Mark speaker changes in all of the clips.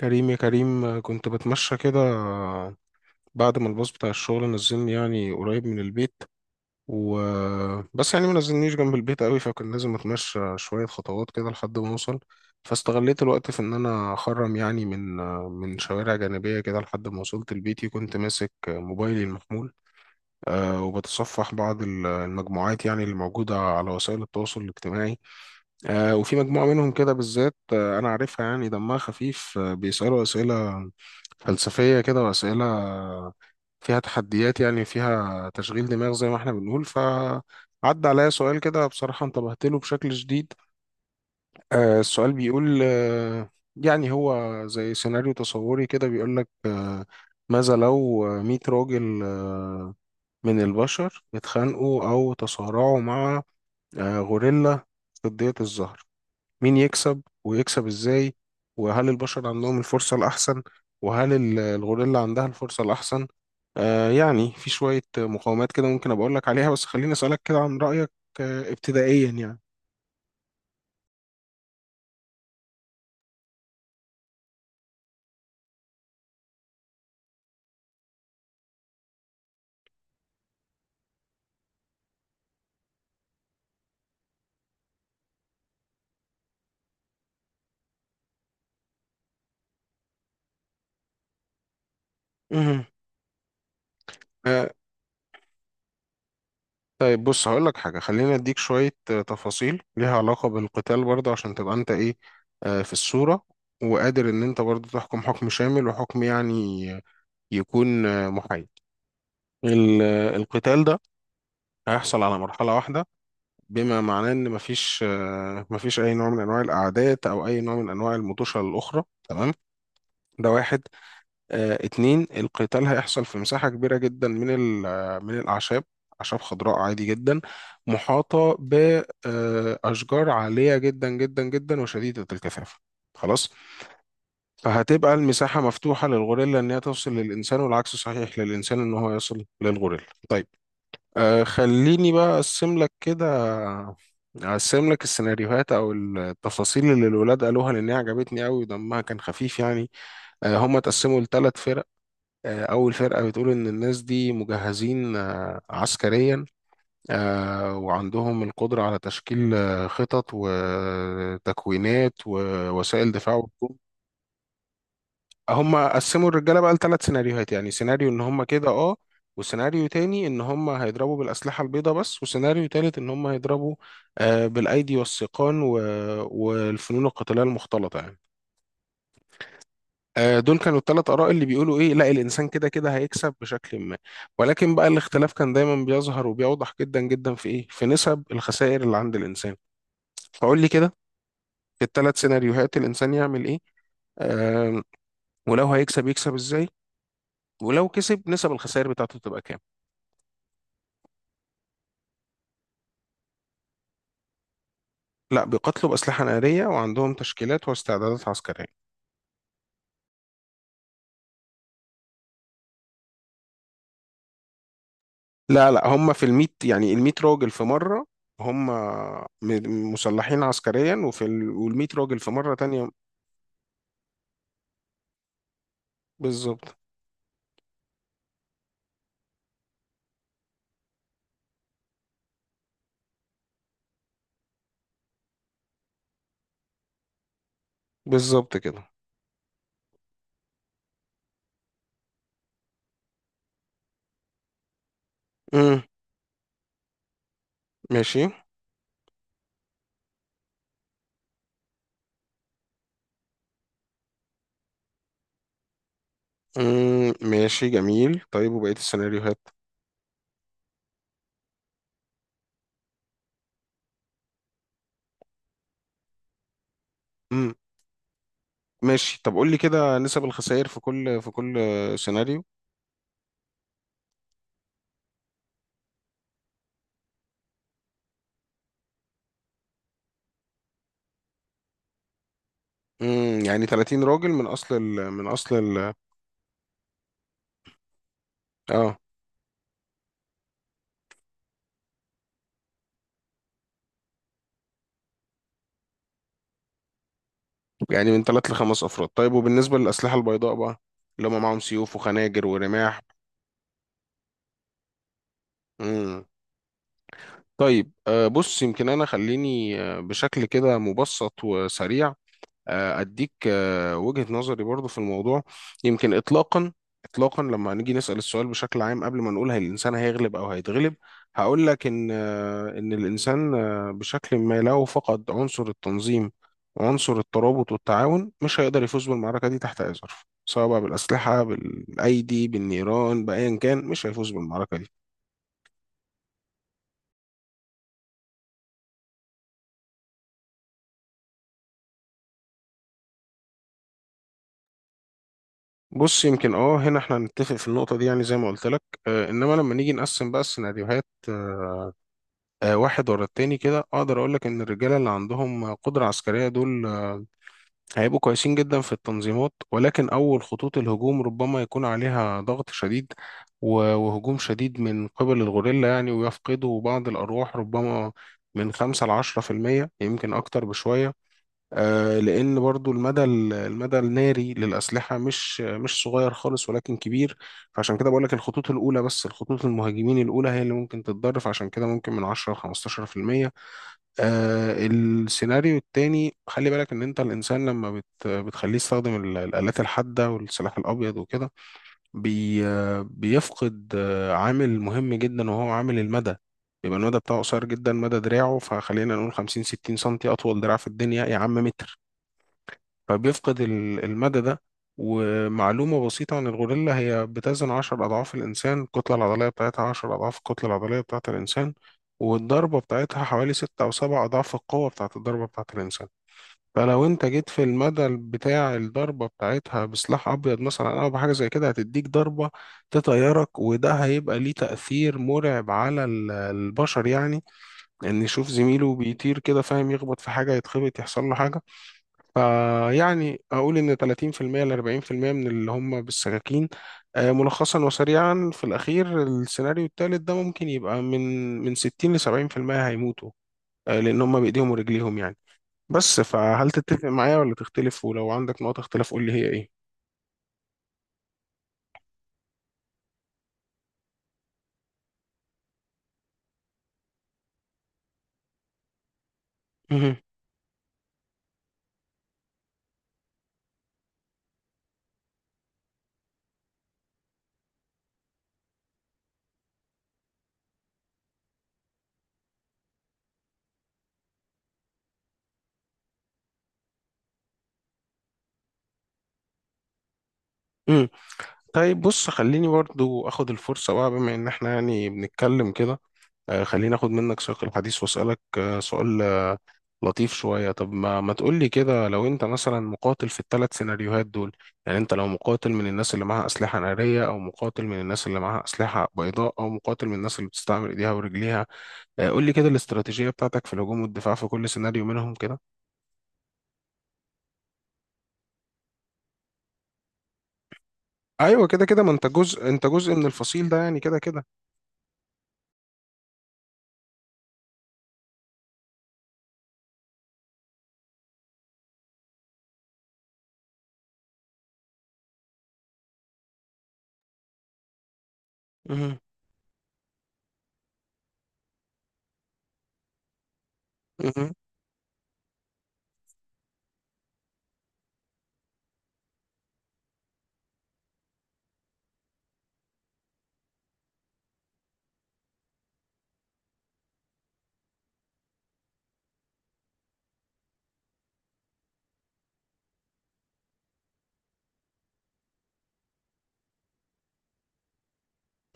Speaker 1: كريم يا كريم كنت بتمشى كده بعد ما الباص بتاع الشغل نزلني يعني قريب من البيت و بس يعني ما نزلنيش جنب البيت قوي فكان لازم اتمشى شوية خطوات كده لحد ما اوصل. فاستغليت الوقت في ان انا اخرم يعني من من شوارع جانبية كده لحد ما وصلت لبيتي. كنت ماسك موبايلي المحمول وبتصفح بعض المجموعات يعني اللي موجودة على وسائل التواصل الاجتماعي. وفي مجموعة منهم كده بالذات أنا عارفها يعني دمها خفيف، بيسألوا أسئلة فلسفية كده، وأسئلة فيها تحديات، يعني فيها تشغيل دماغ زي ما احنا بنقول. فعدى عليا سؤال كده بصراحة انتبهت له بشكل شديد. السؤال بيقول يعني هو زي سيناريو تصوري كده بيقول لك ماذا لو 100 راجل من البشر اتخانقوا أو تصارعوا مع غوريلا في ضية الظهر؟ مين يكسب ويكسب ازاي؟ وهل البشر عندهم الفرصة الأحسن؟ وهل الغوريلا عندها الفرصة الأحسن؟ آه، يعني في شوية مقاومات كده ممكن أبقى أقولك عليها، بس خليني أسألك كده عن رأيك آه ابتدائيا يعني. مهم. آه، طيب بص هقولك حاجة، خليني أديك شوية تفاصيل ليها علاقة بالقتال برضه عشان تبقى أنت إيه في الصورة، وقادر إن أنت برضه تحكم حكم شامل وحكم يعني يكون محايد. القتال ده هيحصل على مرحلة واحدة، بما معناه ان مفيش مفيش اي نوع من انواع الاعداد او اي نوع من انواع المطوشه الاخرى، تمام؟ ده واحد. اتنين، القتال هيحصل في مساحه كبيره جدا من من الاعشاب، اعشاب خضراء عادي جدا، محاطه باشجار عاليه جدا جدا جدا وشديده الكثافه. خلاص. فهتبقى المساحه مفتوحه للغوريلا ان هي توصل للانسان، والعكس صحيح للانسان ان هو يصل للغوريلا. طيب آه، خليني بقى أقسم لك كده. أقسم لك السيناريوهات أو التفاصيل اللي الولاد قالوها لأن هي عجبتني أوي ودمها كان خفيف يعني. آه، هم اتقسموا لثلاث فرق. آه، أول فرقة بتقول إن الناس دي مجهزين آه عسكريا، آه وعندهم القدرة على تشكيل خطط وتكوينات ووسائل دفاع. هم قسموا الرجاله بقى لثلاث سيناريوهات، يعني سيناريو ان هم كده اه، وسيناريو تاني ان هم هيضربوا بالاسلحه البيضاء بس، وسيناريو تالت ان هم هيضربوا بالايدي والسيقان و... والفنون القتاليه المختلطه يعني. آه، دول كانوا الثلاث اراء اللي بيقولوا ايه، لا الانسان كده كده هيكسب بشكل ما. ولكن بقى الاختلاف كان دايما بيظهر وبيوضح جدا جدا في ايه، في نسب الخسائر اللي عند الانسان. فقول لي كده، في الثلاث سيناريوهات الانسان يعمل ايه؟ آه ولو هيكسب يكسب ازاي؟ ولو كسب نسب الخسائر بتاعته تبقى كام؟ لا، بيقاتلوا بأسلحة نارية وعندهم تشكيلات واستعدادات عسكرية. لا، هم في الميت يعني الميت راجل في مرة، هم مسلحين عسكريا، وفي ال... والميت راجل في مرة تانية. بالظبط بالظبط كده. امم، ماشي. امم، ماشي جميل. طيب وبقية السيناريوهات؟ امم، ماشي. طب قول لي كده نسب الخسائر في كل سيناريو. امم، يعني 30 راجل من اصل ال... من اصل ال... اه. يعني من ثلاث لخمس افراد. طيب وبالنسبه للاسلحه البيضاء بقى، اللي هم معاهم سيوف وخناجر ورماح؟ امم. طيب بص يمكن انا خليني بشكل كده مبسط وسريع اديك وجهة نظري برضو في الموضوع. يمكن اطلاقا لما نيجي نسأل السؤال بشكل عام، قبل ما نقول هل الانسان هيغلب او هيتغلب، هقول لك ان ان الانسان بشكل ما لو فقد عنصر التنظيم وعنصر الترابط والتعاون مش هيقدر يفوز بالمعركة دي تحت اي ظرف، سواء بقى بالأسلحة بالأيدي بالنيران بأيا كان، مش هيفوز بالمعركة دي. بص يمكن اه، هنا احنا نتفق في النقطة دي، يعني زي ما قلت لك. انما لما نيجي نقسم بقى السيناريوهات واحد ورا التاني كده، اقدر اقول لك ان الرجاله اللي عندهم قدره عسكريه دول هيبقوا كويسين جدا في التنظيمات، ولكن اول خطوط الهجوم ربما يكون عليها ضغط شديد وهجوم شديد من قبل الغوريلا يعني، ويفقدوا بعض الارواح ربما، من خمسة لعشرة في المية، يمكن أكتر بشوية. لأن برضو المدى الناري للأسلحة مش صغير خالص ولكن كبير. فعشان كده بقول لك الخطوط الأولى، بس الخطوط المهاجمين الأولى هي اللي ممكن تتضرر، فعشان كده ممكن من 10 ل 15%. السيناريو التاني، خلي بالك إن أنت الإنسان لما بتخليه يستخدم الآلات الحادة والسلاح الأبيض وكده بي آه، بيفقد عامل مهم جدا وهو عامل المدى. يبقى المدى بتاعه قصير جدا، مدى دراعه، فخلينا نقول 50 60 سنتي، أطول دراع في الدنيا يا عم متر. فبيفقد المدى ده. ومعلومة بسيطة عن الغوريلا، هي بتزن عشر أضعاف الإنسان، الكتلة العضلية بتاعتها عشر أضعاف الكتلة العضلية بتاعة الإنسان، والضربة بتاعتها حوالي ستة أو سبع أضعاف القوة بتاعة الضربة بتاعة الإنسان. فلو أنت جيت في المدى بتاع الضربة بتاعتها بسلاح أبيض مثلا أو بحاجة زي كده هتديك ضربة تطيرك. وده هيبقى ليه تأثير مرعب على البشر يعني، إن يشوف زميله بيطير كده، فاهم، يخبط في حاجة يتخبط يحصل له حاجة. فيعني أقول إن 30% ل 40% من اللي هم بالسكاكين. ملخصا وسريعا في الأخير، السيناريو التالت ده ممكن يبقى من 60 ل 70% هيموتوا، لأن هم بإيديهم ورجليهم يعني. بس فهل تتفق معايا ولا تختلف؟ ولو عندك نقط اختلاف قول لي هي إيه. مهم. مم. طيب بص خليني برضو أخد الفرصة بقى بما إن إحنا يعني بنتكلم كده. خليني اخد منك سياق الحديث واسالك سؤال لطيف شويه. طب ما تقول لي كده، لو انت مثلا مقاتل في الثلاث سيناريوهات دول، يعني انت لو مقاتل من الناس اللي معاها اسلحه ناريه، او مقاتل من الناس اللي معاها اسلحه بيضاء، او مقاتل من الناس اللي بتستعمل ايديها ورجليها. قول لي كده الاستراتيجيه بتاعتك في الهجوم والدفاع في كل سيناريو منهم كده. ايوه كده، ما انت جزء، انت جزء من الفصيل ده يعني كده. مهم. مهم.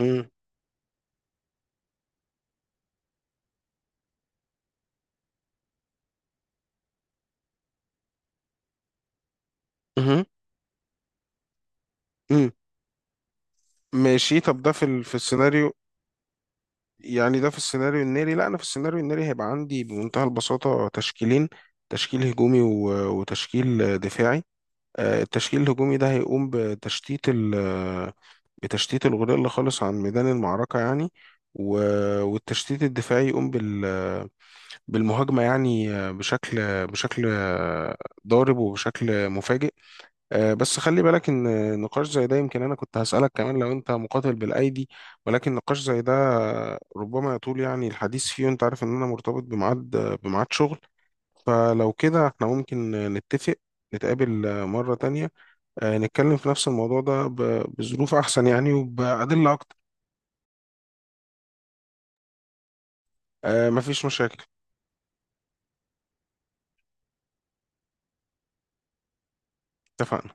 Speaker 1: مهم. مهم. مهم. ماشي، طب ده في ال... في السيناريو، يعني ده في السيناريو الناري. لا انا في السيناريو الناري هيبقى عندي بمنتهى البساطة تشكيلين، تشكيل هجومي وتشكيل دفاعي. التشكيل الهجومي ده هيقوم بتشتيت الغوريلا خالص عن ميدان المعركة يعني. والتشتيت الدفاعي يقوم بالمهاجمة يعني، بشكل بشكل آه، ضارب وبشكل مفاجئ. بس خلي بالك ان نقاش زي ده، يمكن انا كنت هسألك كمان لو انت مقاتل بالايدي، ولكن نقاش زي ده ربما يطول يعني الحديث فيه، وانت عارف ان انا مرتبط بميعاد، بميعاد شغل، فلو كده احنا ممكن نتفق نتقابل مرة تانية، نتكلم في نفس الموضوع ده بظروف احسن يعني وبأدلة اكتر. مفيش مشاكل. اتفقنا.